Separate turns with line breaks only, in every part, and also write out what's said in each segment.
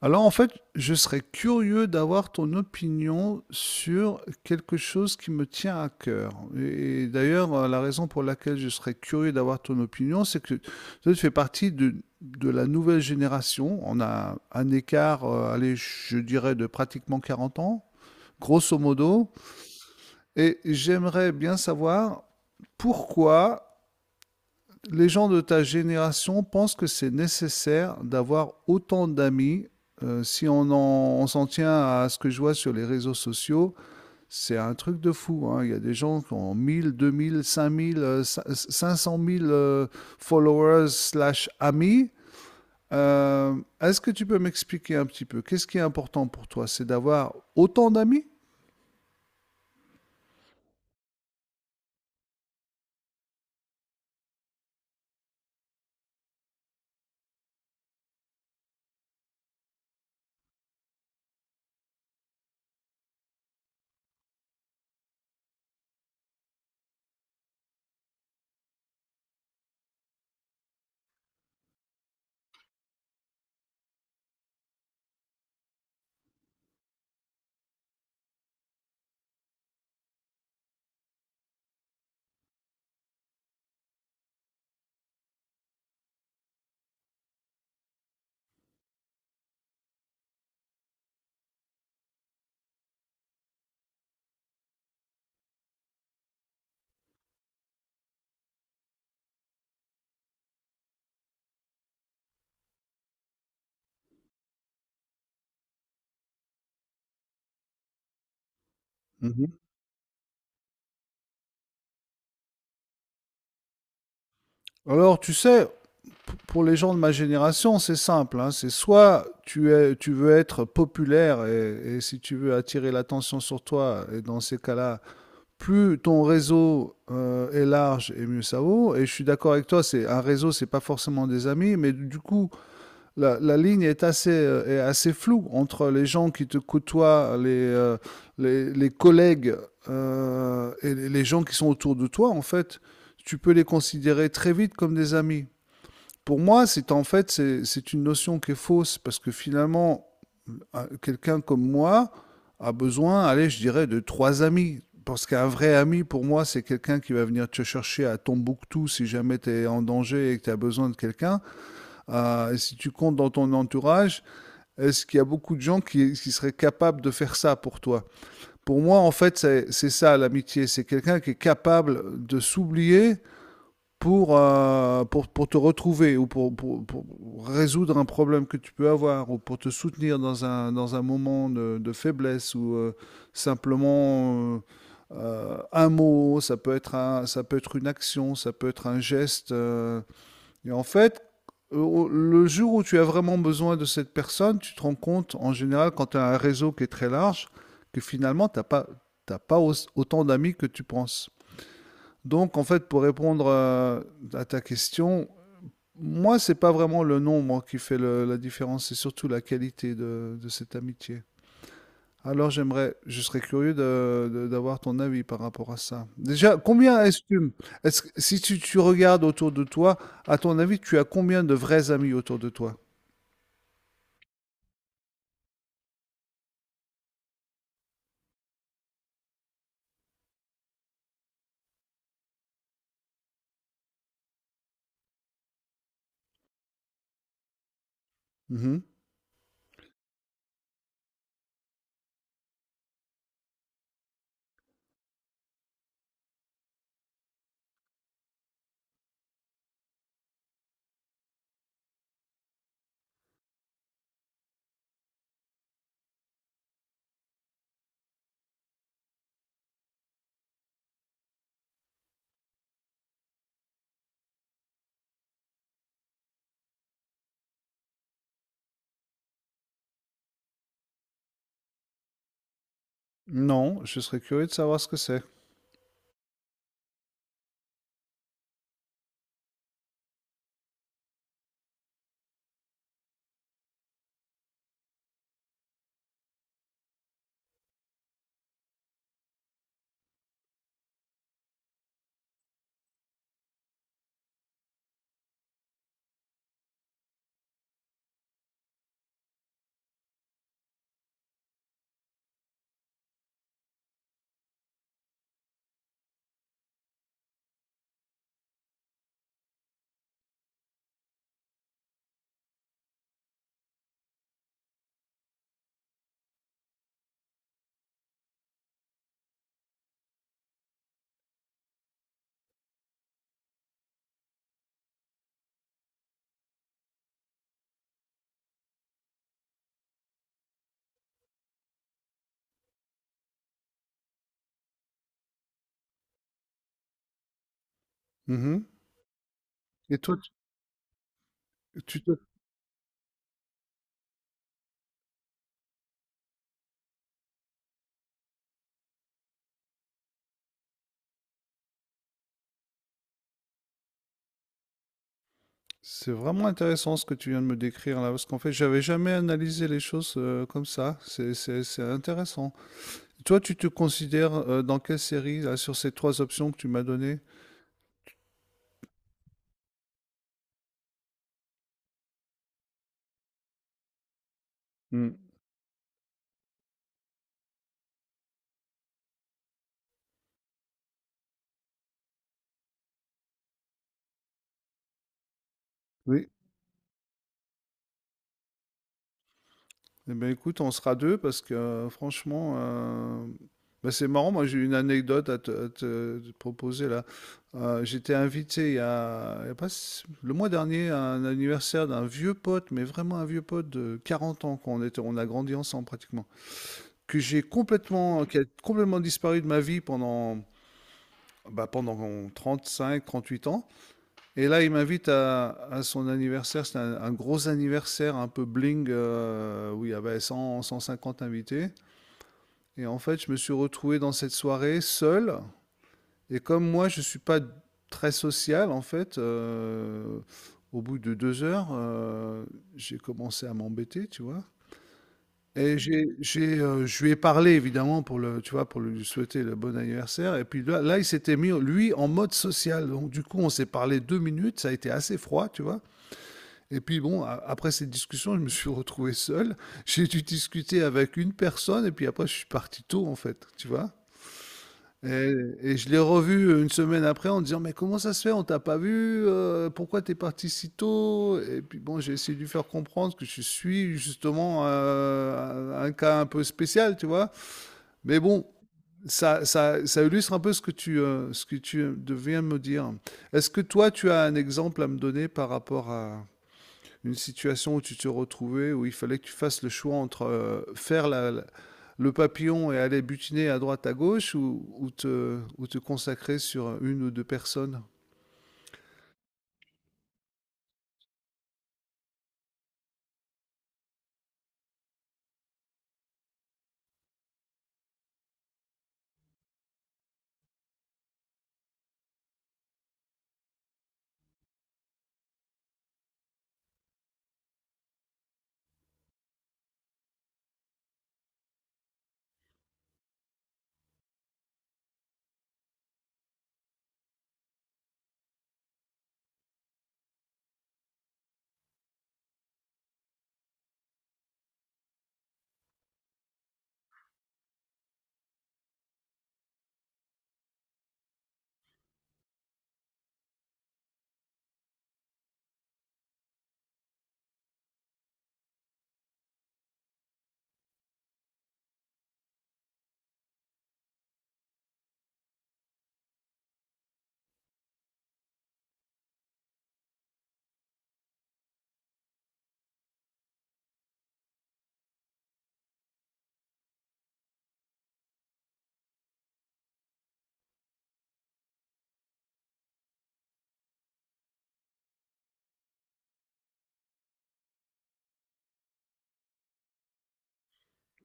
Alors en fait, je serais curieux d'avoir ton opinion sur quelque chose qui me tient à cœur. Et d'ailleurs, la raison pour laquelle je serais curieux d'avoir ton opinion, c'est que toi, tu fais partie de la nouvelle génération. On a un écart, allez, je dirais, de pratiquement 40 ans, grosso modo. Et j'aimerais bien savoir pourquoi les gens de ta génération pensent que c'est nécessaire d'avoir autant d'amis. Si on s'en tient à ce que je vois sur les réseaux sociaux, c'est un truc de fou, hein. Il y a des gens qui ont 1000, 2000, 1000, 5000, 500 000 followers/amis. Euh, Est-ce que tu peux m'expliquer un petit peu qu'est-ce qui est important pour toi? C'est d'avoir autant d'amis? Mhm. Alors, tu sais, pour les gens de ma génération, c'est simple, hein. C'est soit tu veux être populaire et si tu veux attirer l'attention sur toi, et dans ces cas-là, plus ton réseau est large et mieux ça vaut. Et je suis d'accord avec toi, c'est un réseau, c'est pas forcément des amis, mais du coup, la ligne est assez floue entre les gens qui te côtoient, les collègues et les gens qui sont autour de toi, en fait. Tu peux les considérer très vite comme des amis. Pour moi, c'est en fait, c'est une notion qui est fausse, parce que finalement, quelqu'un comme moi a besoin, allez, je dirais, de trois amis. Parce qu'un vrai ami, pour moi, c'est quelqu'un qui va venir te chercher à Tombouctou si jamais tu es en danger et que tu as besoin de quelqu'un. Et si tu comptes dans ton entourage, est-ce qu'il y a beaucoup de gens qui seraient capables de faire ça pour toi? Pour moi, en fait, c'est ça l'amitié. C'est quelqu'un qui est capable de s'oublier pour te retrouver ou pour résoudre un problème que tu peux avoir ou pour te soutenir dans un moment de faiblesse ou simplement un mot, ça peut être une action, ça peut être un geste. Et en fait, le jour où tu as vraiment besoin de cette personne, tu te rends compte en général quand tu as un réseau qui est très large que finalement, tu n'as pas, t'as pas autant d'amis que tu penses. Donc, en fait, pour répondre à ta question, moi, c'est pas vraiment le nombre qui fait la différence, c'est surtout la qualité de cette amitié. Alors, je serais curieux d'avoir ton avis par rapport à ça. Est-ce que, si tu regardes autour de toi, à ton avis, tu as combien de vrais amis autour de toi? Mhm. Non, je serais curieux de savoir ce que c'est. Mhm. Et toi, tu tu te C'est vraiment intéressant ce que tu viens de me décrire là, parce qu'en fait, j'avais jamais analysé les choses comme ça. C'est intéressant. Toi, tu te considères dans quelle série là, sur ces trois options que tu m'as données? Hmm. Oui. Eh bien, écoute, on sera deux parce que franchement, bah, c'est marrant. Moi, j'ai une anecdote te proposer là. J'étais invité il y a pas si- le mois dernier à un anniversaire d'un vieux pote, mais vraiment un vieux pote de 40 ans on a grandi ensemble pratiquement, qui a complètement disparu de ma vie pendant 38 ans. Et là, il m'invite à son anniversaire. C'est un gros anniversaire un peu bling où il y avait 100, 150 invités. Et en fait, je me suis retrouvé dans cette soirée seul. Et comme moi, je ne suis pas très social, en fait, au bout de 2 heures, j'ai commencé à m'embêter, tu vois. Je lui ai parlé évidemment tu vois, pour lui souhaiter le bon anniversaire. Et puis là, il s'était mis, lui, en mode social. Donc du coup, on s'est parlé 2 minutes. Ça a été assez froid, tu vois. Et puis bon, après cette discussion, je me suis retrouvé seul. J'ai dû discuter avec une personne. Et puis après, je suis parti tôt, en fait, tu vois. Et et je l'ai revu une semaine après en disant: «Mais comment ça se fait? On t'a pas vu, pourquoi t'es parti si tôt?» Et puis bon, j'ai essayé de lui faire comprendre que je suis justement, un cas un peu spécial, tu vois? Mais bon, ça illustre un peu ce que tu viens de me dire. Est-ce que toi, tu as un exemple à me donner par rapport à une situation où tu te retrouvais, où il fallait que tu fasses le choix entre faire le papillon et aller butiner à droite, à gauche, ou te consacrer sur une ou deux personnes.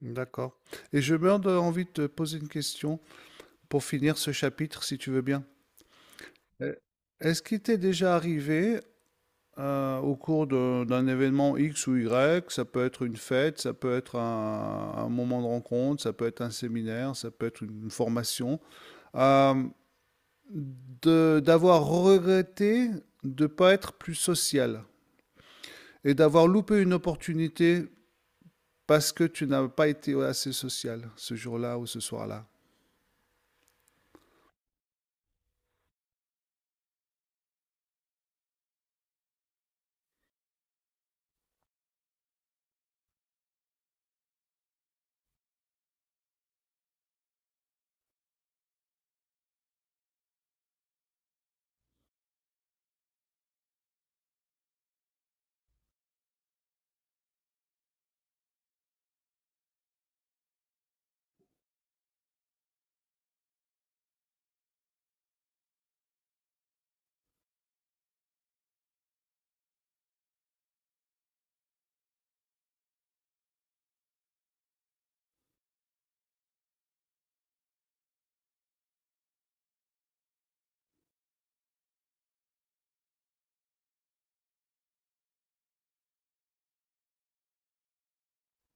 D'accord. Et je meurs envie de te poser une question pour finir ce chapitre, si tu veux bien. Euh, Est-ce qu'il t'est déjà arrivé au cours d'un événement X ou Y, ça peut être une fête, ça peut être un moment de rencontre, ça peut être un séminaire, ça peut être une formation, euh, de d'avoir regretté de ne pas être plus social et d'avoir loupé une opportunité parce que tu n'as pas été assez social ce jour-là ou ce soir-là.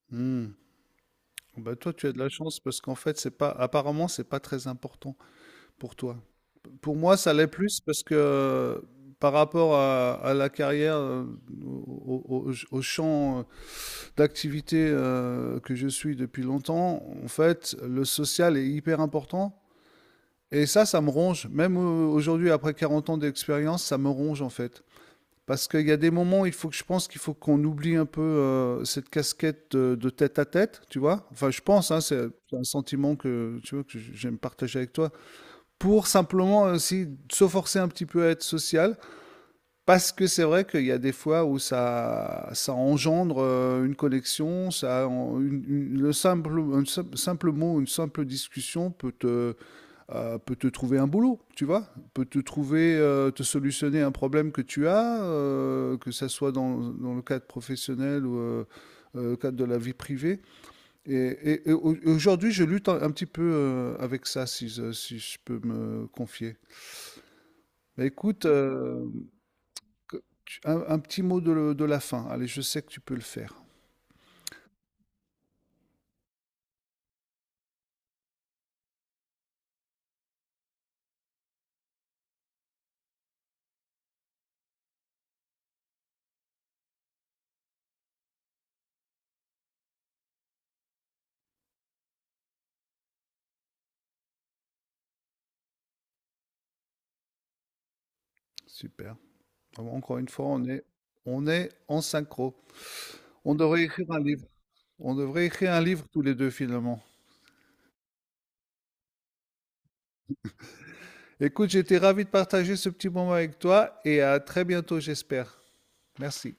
Hmm. Ben toi, tu as de la chance parce qu'en fait, c'est pas, apparemment, c'est pas très important pour toi. Pour moi, ça l'est plus parce que par rapport à la carrière, au champ d'activité que je suis depuis longtemps, en fait, le social est hyper important. Et ça me ronge. Même aujourd'hui, après 40 ans d'expérience, ça me ronge en fait. Parce qu'il y a des moments où il faut que je pense qu'il faut qu'on oublie un peu cette casquette de tête à tête, tu vois. Enfin, je pense, hein, c'est un sentiment que tu vois que j'aime partager avec toi, pour simplement aussi se forcer un petit peu à être social. Parce que c'est vrai qu'il y a des fois où ça engendre une connexion, ça, en- une- le simple, un sim- simple mot, une simple discussion peut te trouver un boulot, tu vois, te solutionner un problème que tu as, que ça soit dans le cadre professionnel ou cadre de la vie privée. Aujourd'hui, je lutte un petit peu avec ça, si je peux me confier. Bah, écoute, un petit mot de la fin. Allez, je sais que tu peux le faire. Super. Alors, encore une fois, on est en synchro. On devrait écrire un livre. On devrait écrire un livre tous les deux, finalement. Écoute, j'étais ravi de partager ce petit moment avec toi et à très bientôt, j'espère. Merci.